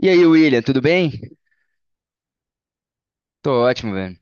E aí, William, tudo bem? Tô ótimo, velho.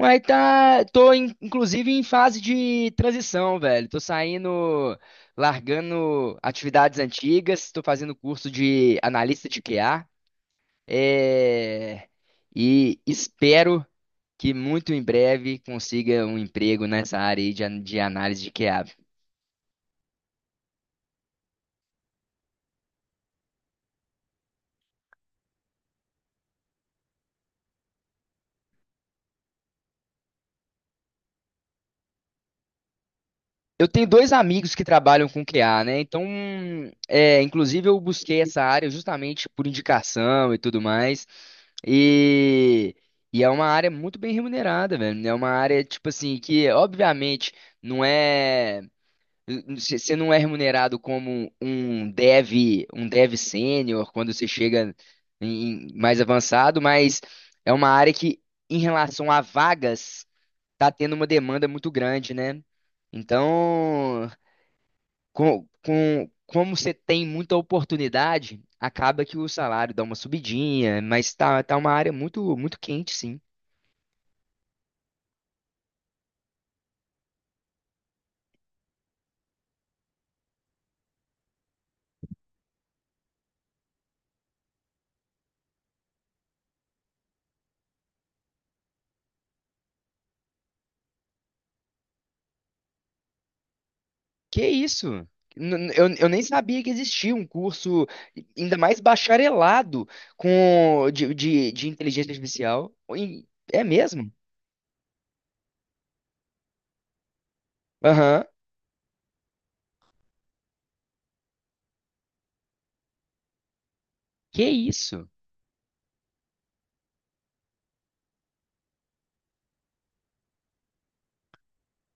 Ué, tá. Inclusive em fase de transição, velho. Tô saindo, largando atividades antigas, tô fazendo curso de analista de QA. é, E espero que muito em breve consiga um emprego nessa área aí de análise de QA. Eu tenho dois amigos que trabalham com QA, né? Então, inclusive eu busquei essa área justamente por indicação e tudo mais. E, e é uma área muito bem remunerada, velho. É uma área, tipo assim, que obviamente não é. Você não é remunerado como um dev sênior quando você chega mais avançado, mas é uma área que, em relação a vagas, tá tendo uma demanda muito grande, né? Então como você tem muita oportunidade, acaba que o salário dá uma subidinha, mas tá, tá uma área muito, muito quente, sim. Que isso? Eu nem sabia que existia um curso, ainda mais bacharelado, de inteligência artificial. Oi, é mesmo? Aham. Que isso?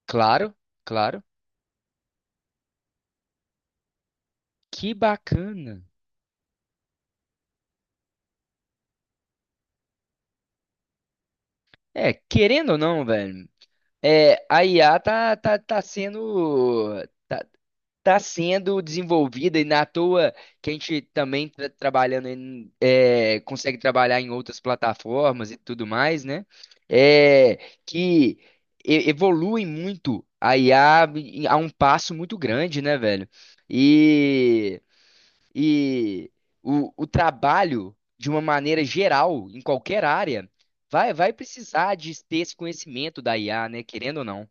Claro, claro. Que bacana. É, querendo ou não, velho. É, a IA tá tá sendo desenvolvida e na toa que a gente também tá trabalhando em, é, consegue trabalhar em outras plataformas e tudo mais, né? É, que Evolui muito a IA a um passo muito grande, né, velho? E e o, o trabalho, de uma maneira geral, em qualquer área, vai, vai precisar de ter esse conhecimento da IA, né? Querendo ou não.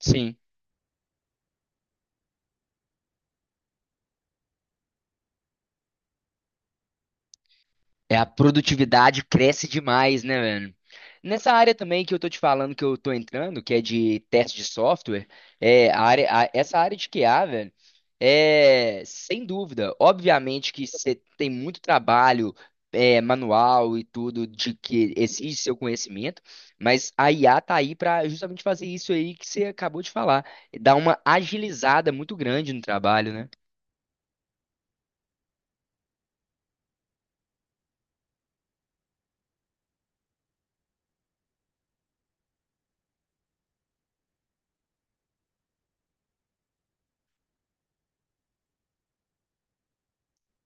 Sim. É, a produtividade cresce demais, né, velho? Nessa área também que eu tô te falando que eu tô entrando, que é de teste de software, é a área, essa área de QA, velho, é sem dúvida. Obviamente que você tem muito trabalho manual e tudo de que exige seu conhecimento, mas a IA tá aí para justamente fazer isso aí que você acabou de falar, dar uma agilizada muito grande no trabalho, né?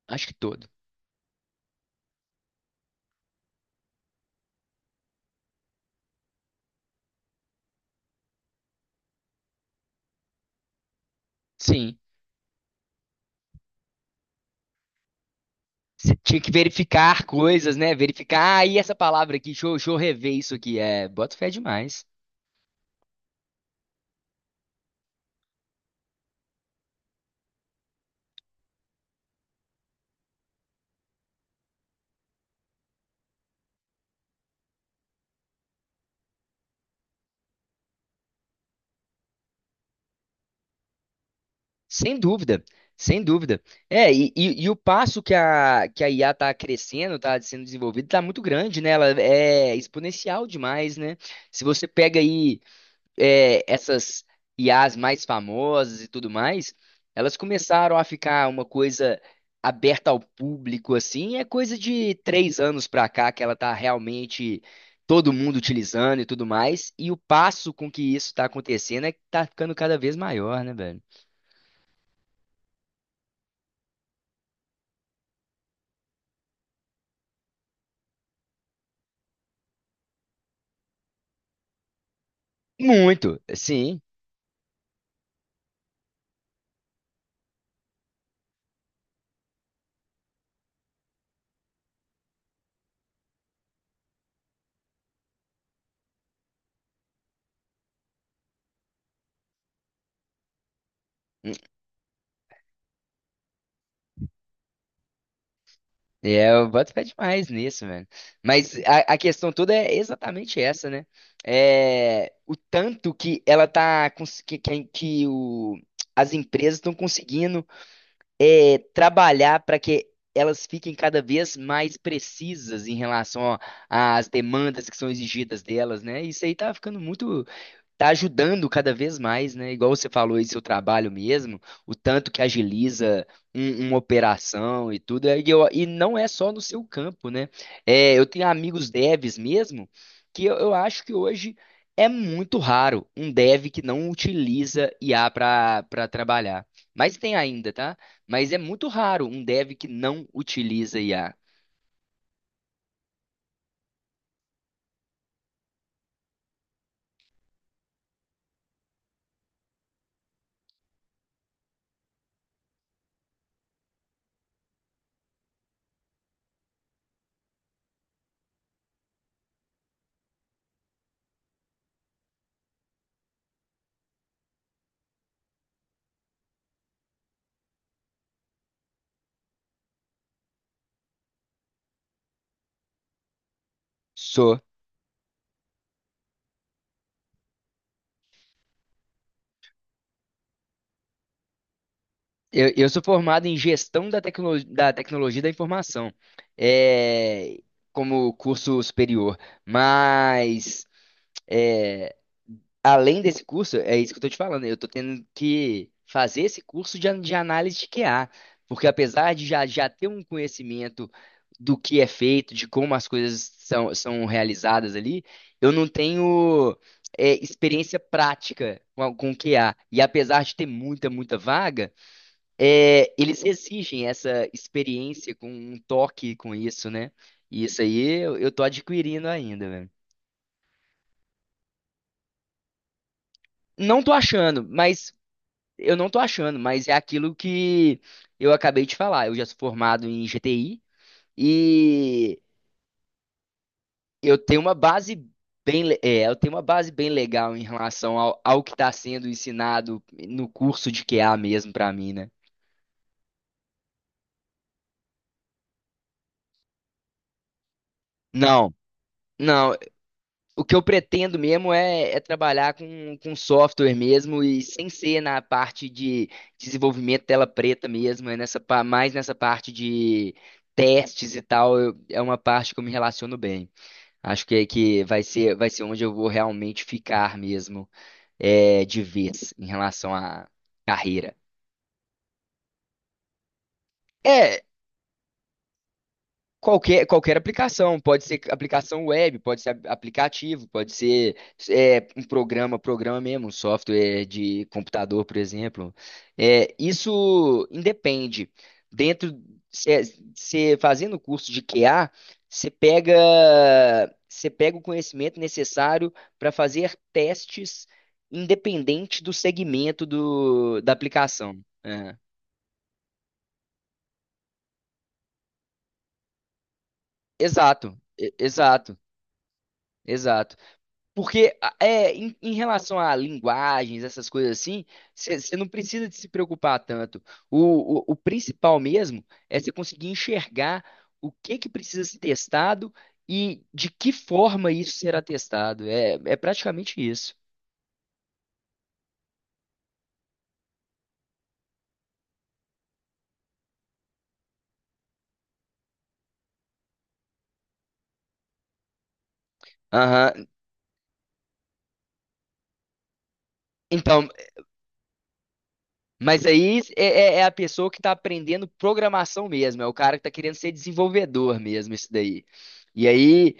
Acho que todo. Sim. Você tinha que verificar coisas, né? Verificar, ah, e essa palavra aqui, deixa eu rever isso aqui. É, boto fé demais. Sem dúvida, sem dúvida. E o passo que a IA está crescendo, está sendo desenvolvida, está muito grande, né? Ela é exponencial demais, né? Se você pega aí essas IAs mais famosas e tudo mais, elas começaram a ficar uma coisa aberta ao público, assim, é coisa de três anos pra cá que ela tá realmente todo mundo utilizando e tudo mais, e o passo com que isso tá acontecendo é que tá ficando cada vez maior, né, velho? Muito, sim. Eu boto fé demais nisso, mano. Mas a questão toda é exatamente essa, né? É, o tanto que ela as empresas estão conseguindo trabalhar para que elas fiquem cada vez mais precisas em relação ó, às demandas que são exigidas delas, né? Isso aí tá ficando muito, tá ajudando cada vez mais, né? Igual você falou aí, seu trabalho mesmo, o tanto que agiliza uma operação e tudo. E não é só no seu campo, né? É, eu tenho amigos devs mesmo, que eu acho que hoje é muito raro um dev que não utiliza IA para trabalhar. Mas tem ainda, tá? Mas é muito raro um dev que não utiliza IA. Eu sou formado em da tecnologia da informação, é, como curso superior. Mas, é, além desse curso, é isso que eu estou te falando, eu estou tendo que fazer esse curso de análise de QA, porque apesar já ter um conhecimento do que é feito, de como as coisas são realizadas ali, eu não tenho, experiência prática com QA. E apesar de ter muita, muita vaga. É, eles exigem essa experiência com um toque com isso, né? E isso aí eu tô adquirindo ainda, velho. Não tô achando, mas eu não tô achando, mas é aquilo que eu acabei de falar. Eu já sou formado em GTI e eu tenho uma base eu tenho uma base bem legal em relação ao, ao que está sendo ensinado no curso de QA mesmo pra mim, né? Não. Não, o que eu pretendo mesmo é trabalhar com software mesmo e sem ser na parte de desenvolvimento tela preta mesmo, é nessa, mais nessa parte de testes e tal, é uma parte que eu me relaciono bem. Acho que, vai ser onde eu vou realmente ficar mesmo, é, de vez em relação à carreira. É, qualquer, qualquer aplicação, pode ser aplicação web, pode ser aplicativo, pode ser um programa, programa mesmo, um software de computador, por exemplo. É, isso independe. Dentro, você fazendo o curso de QA, você pega, você pega o conhecimento necessário para fazer testes independente do segmento da aplicação. É. Exato, exato. Exato. Porque é, em relação a linguagens, essas coisas assim, você não precisa de se preocupar tanto. O principal mesmo é você conseguir enxergar o que que precisa ser testado e de que forma isso será testado. É, é praticamente isso. Aham. Então, mas aí é a pessoa que está aprendendo programação mesmo, é o cara que está querendo ser desenvolvedor mesmo, isso daí. E aí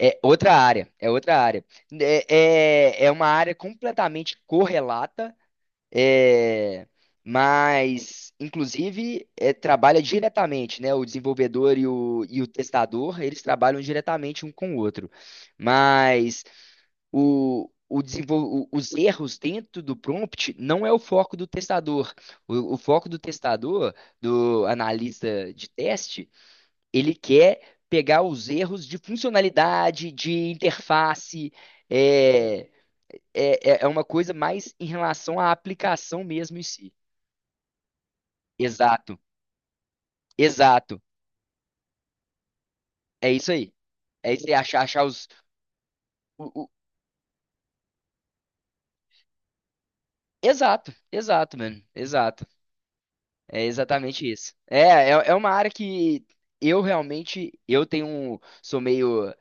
é outra área, é outra área. É uma área completamente correlata, é, mas, inclusive, é, trabalha diretamente, né? O desenvolvedor e o testador, eles trabalham diretamente um com o outro. Mas os erros dentro do prompt não é o foco do testador. O foco do testador, do analista de teste, ele quer pegar os erros de funcionalidade, de interface, é, é uma coisa mais em relação à aplicação mesmo em si. Exato, exato. É isso aí. É isso aí, achar, achar os. o- o- Exato, exato, mano. Exato. É exatamente isso. É, é uma área que eu realmente, eu tenho, sou meio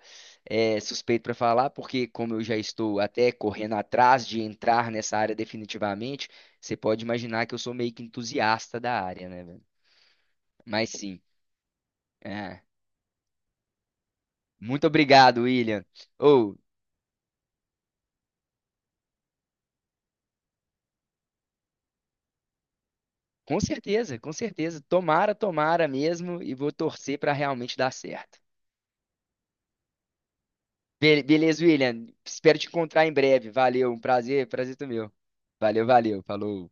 suspeito para falar, porque como eu já estou até correndo atrás de entrar nessa área definitivamente, você pode imaginar que eu sou meio que entusiasta da área, né, velho? Mas sim. É. Muito obrigado, William. Ou, com certeza, com certeza. Tomara, tomara mesmo e vou torcer para realmente dar certo. Beleza, William. Espero te encontrar em breve. Valeu, um prazer, prazer todo meu. Valeu, valeu. Falou.